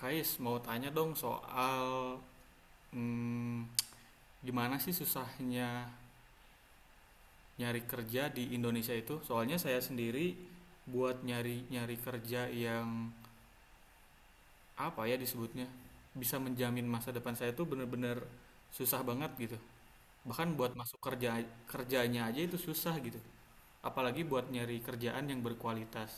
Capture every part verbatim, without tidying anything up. Kais, mau tanya dong soal hmm, gimana sih susahnya nyari kerja di Indonesia itu? Soalnya saya sendiri buat nyari-nyari kerja yang apa ya disebutnya bisa menjamin masa depan saya itu bener-bener susah banget gitu. Bahkan buat masuk kerja kerjanya aja itu susah gitu. Apalagi buat nyari kerjaan yang berkualitas.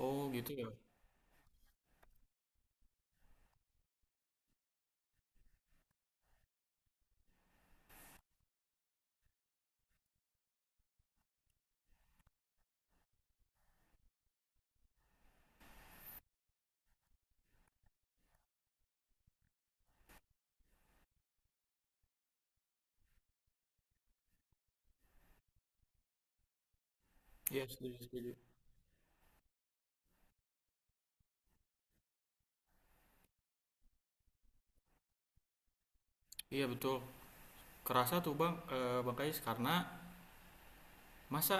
Oh gitu ya. Iya, setuju setuju. Iya betul. Kerasa tuh bang, eh, bang Kais, karena masa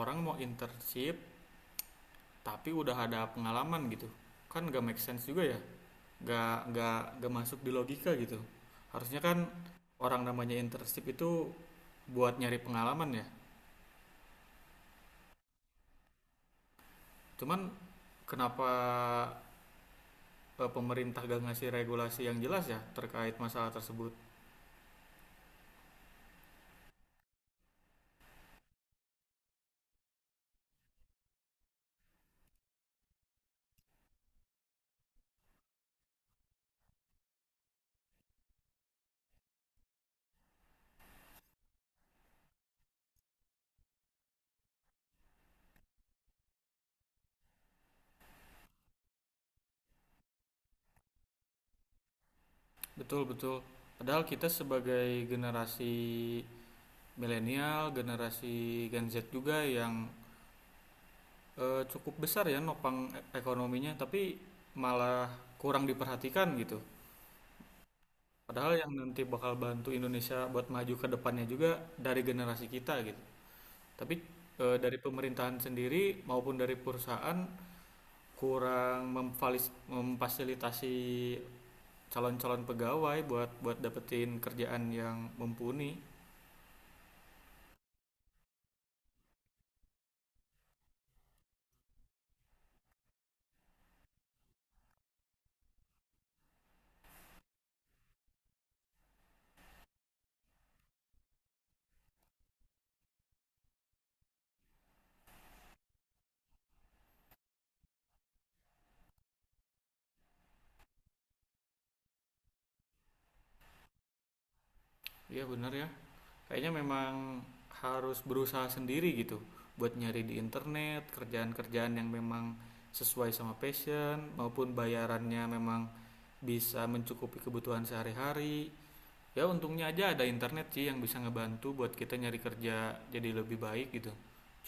orang mau internship tapi udah ada pengalaman gitu, kan gak make sense juga ya, gak gak gak masuk di logika gitu. Harusnya kan orang namanya internship itu buat nyari pengalaman ya. Cuman kenapa eh, pemerintah gak ngasih regulasi yang jelas ya terkait masalah tersebut. Betul betul, padahal kita sebagai generasi milenial, generasi Gen Z juga, yang eh, cukup besar ya nopang e- ekonominya, tapi malah kurang diperhatikan gitu. Padahal yang nanti bakal bantu Indonesia buat maju ke depannya juga dari generasi kita gitu. Tapi eh, dari pemerintahan sendiri maupun dari perusahaan kurang memfalis- memfasilitasi calon-calon pegawai buat buat dapetin kerjaan yang mumpuni. Iya benar ya. Kayaknya memang harus berusaha sendiri gitu, buat nyari di internet kerjaan-kerjaan yang memang sesuai sama passion, maupun bayarannya memang bisa mencukupi kebutuhan sehari-hari. Ya untungnya aja ada internet sih yang bisa ngebantu buat kita nyari kerja jadi lebih baik gitu.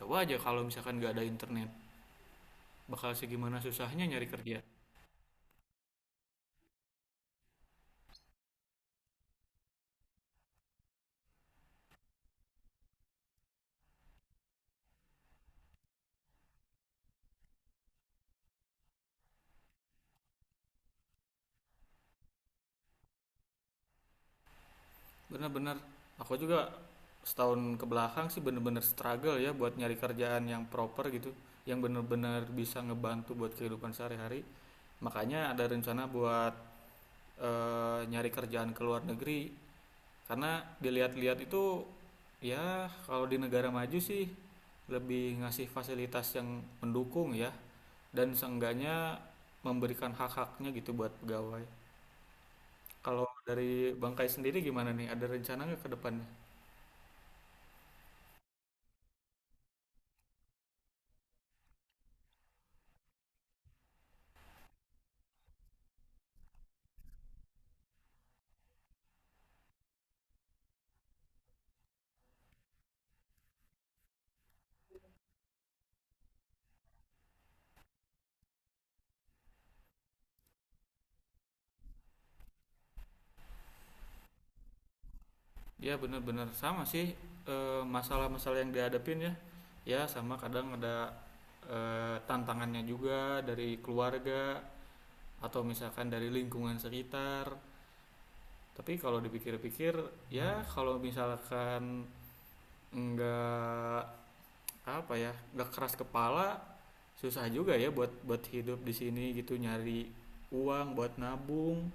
Coba aja kalau misalkan nggak ada internet, bakal segimana susahnya nyari kerja. Bener-bener, aku juga setahun kebelakang sih bener-bener struggle ya buat nyari kerjaan yang proper gitu, yang bener-bener bisa ngebantu buat kehidupan sehari-hari. Makanya ada rencana buat eh, nyari kerjaan ke luar negeri, karena dilihat-lihat itu ya kalau di negara maju sih lebih ngasih fasilitas yang mendukung ya, dan seenggaknya memberikan hak-haknya gitu buat pegawai. Kalau dari Bangkai sendiri gimana nih? Ada rencana nggak ke depannya? Ya benar benar, sama sih eh, masalah-masalah yang dihadapin ya. Ya sama, kadang ada eh, tantangannya juga dari keluarga atau misalkan dari lingkungan sekitar. Tapi kalau dipikir-pikir ya kalau misalkan nggak, apa ya, nggak keras kepala, susah juga ya buat buat hidup di sini gitu, nyari uang buat nabung,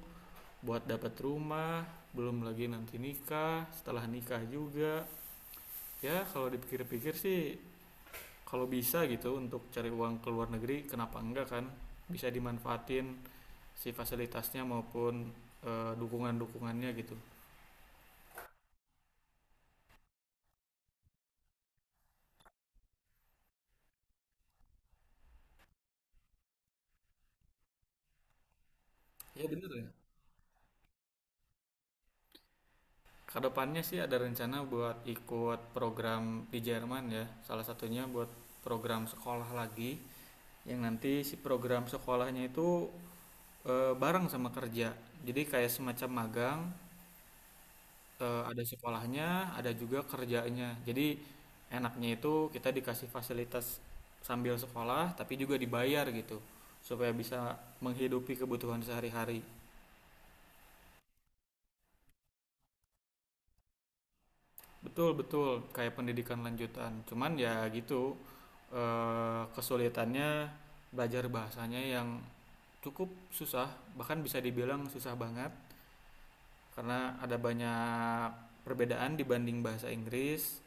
buat dapat rumah, belum lagi nanti nikah, setelah nikah juga. Ya kalau dipikir-pikir sih, kalau bisa gitu untuk cari uang ke luar negeri kenapa enggak kan, bisa dimanfaatin si fasilitasnya maupun eh, dukungan-dukungannya gitu. Ya bener ya. Kedepannya sih ada rencana buat ikut program di Jerman ya. Salah satunya buat program sekolah lagi, yang nanti si program sekolahnya itu eh, bareng sama kerja. Jadi kayak semacam magang, eh, ada sekolahnya, ada juga kerjanya. Jadi enaknya itu kita dikasih fasilitas sambil sekolah, tapi juga dibayar gitu, supaya bisa menghidupi kebutuhan sehari-hari. Betul betul, kayak pendidikan lanjutan. Cuman ya gitu, eh, kesulitannya belajar bahasanya yang cukup susah, bahkan bisa dibilang susah banget, karena ada banyak perbedaan dibanding bahasa Inggris.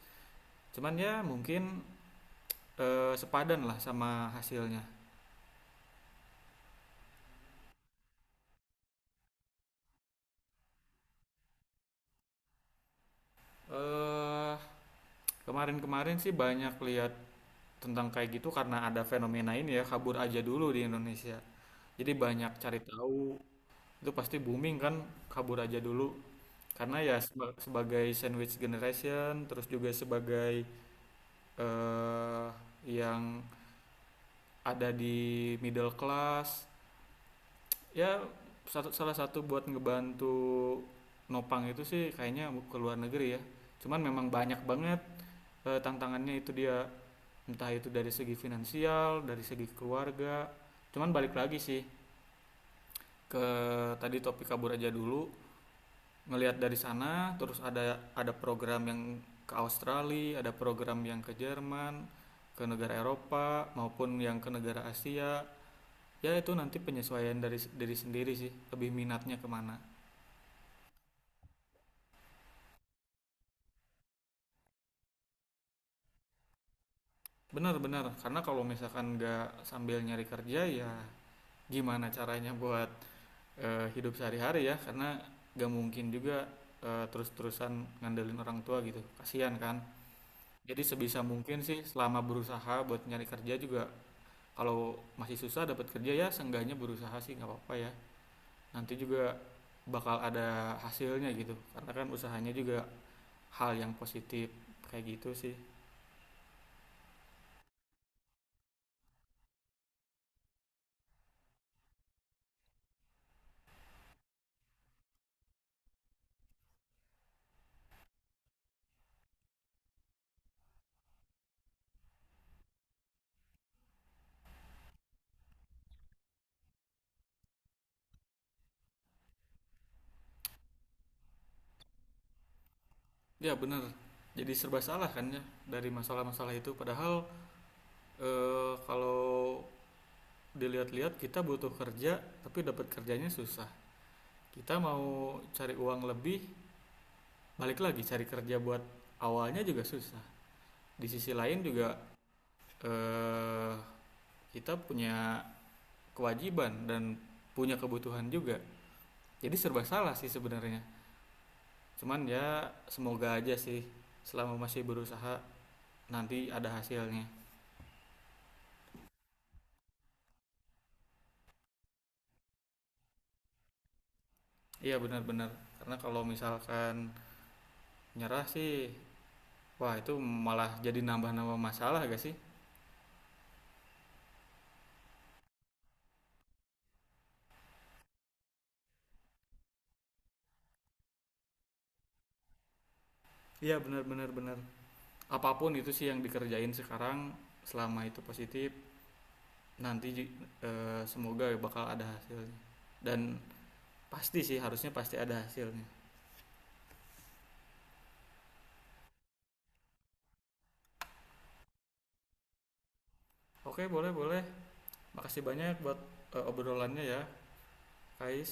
Cuman ya mungkin eh, sepadan lah sama hasilnya. eh Kemarin-kemarin sih banyak lihat tentang kayak gitu, karena ada fenomena ini ya, kabur aja dulu di Indonesia, jadi banyak cari tahu. Itu pasti booming kan, kabur aja dulu, karena ya seba- sebagai sandwich generation, terus juga sebagai eh yang ada di middle class ya, satu, salah satu buat ngebantu nopang itu sih kayaknya ke luar negeri ya. Cuman memang banyak banget eh, tantangannya itu dia, entah itu dari segi finansial, dari segi keluarga. Cuman balik lagi sih ke tadi topik kabur aja dulu, ngelihat dari sana, terus ada ada program yang ke Australia, ada program yang ke Jerman, ke negara Eropa maupun yang ke negara Asia. Ya itu nanti penyesuaian dari diri sendiri sih, lebih minatnya kemana. Benar-benar, karena kalau misalkan nggak sambil nyari kerja ya gimana caranya buat eh, hidup sehari-hari ya, karena nggak mungkin juga eh, terus-terusan ngandelin orang tua gitu, kasihan kan. Jadi sebisa mungkin sih selama berusaha buat nyari kerja juga, kalau masih susah dapat kerja ya seenggaknya berusaha sih, nggak apa-apa ya. Nanti juga bakal ada hasilnya gitu, karena kan usahanya juga hal yang positif, kayak gitu sih. Ya benar, jadi serba salah kan ya dari masalah-masalah itu. Padahal eh, kalau dilihat-lihat kita butuh kerja tapi dapat kerjanya susah. Kita mau cari uang lebih, balik lagi cari kerja buat awalnya juga susah. Di sisi lain juga eh, kita punya kewajiban dan punya kebutuhan juga. Jadi serba salah sih sebenarnya. Cuman ya semoga aja sih selama masih berusaha nanti ada hasilnya. Iya benar-benar. Karena kalau misalkan nyerah sih, wah, itu malah jadi nambah-nambah masalah gak sih? Iya, benar benar benar. Apapun itu sih yang dikerjain sekarang, selama itu positif, nanti eh, semoga bakal ada hasilnya. Dan pasti sih, harusnya pasti ada hasilnya. Oke, boleh boleh. Makasih banyak buat eh, obrolannya ya, Kais.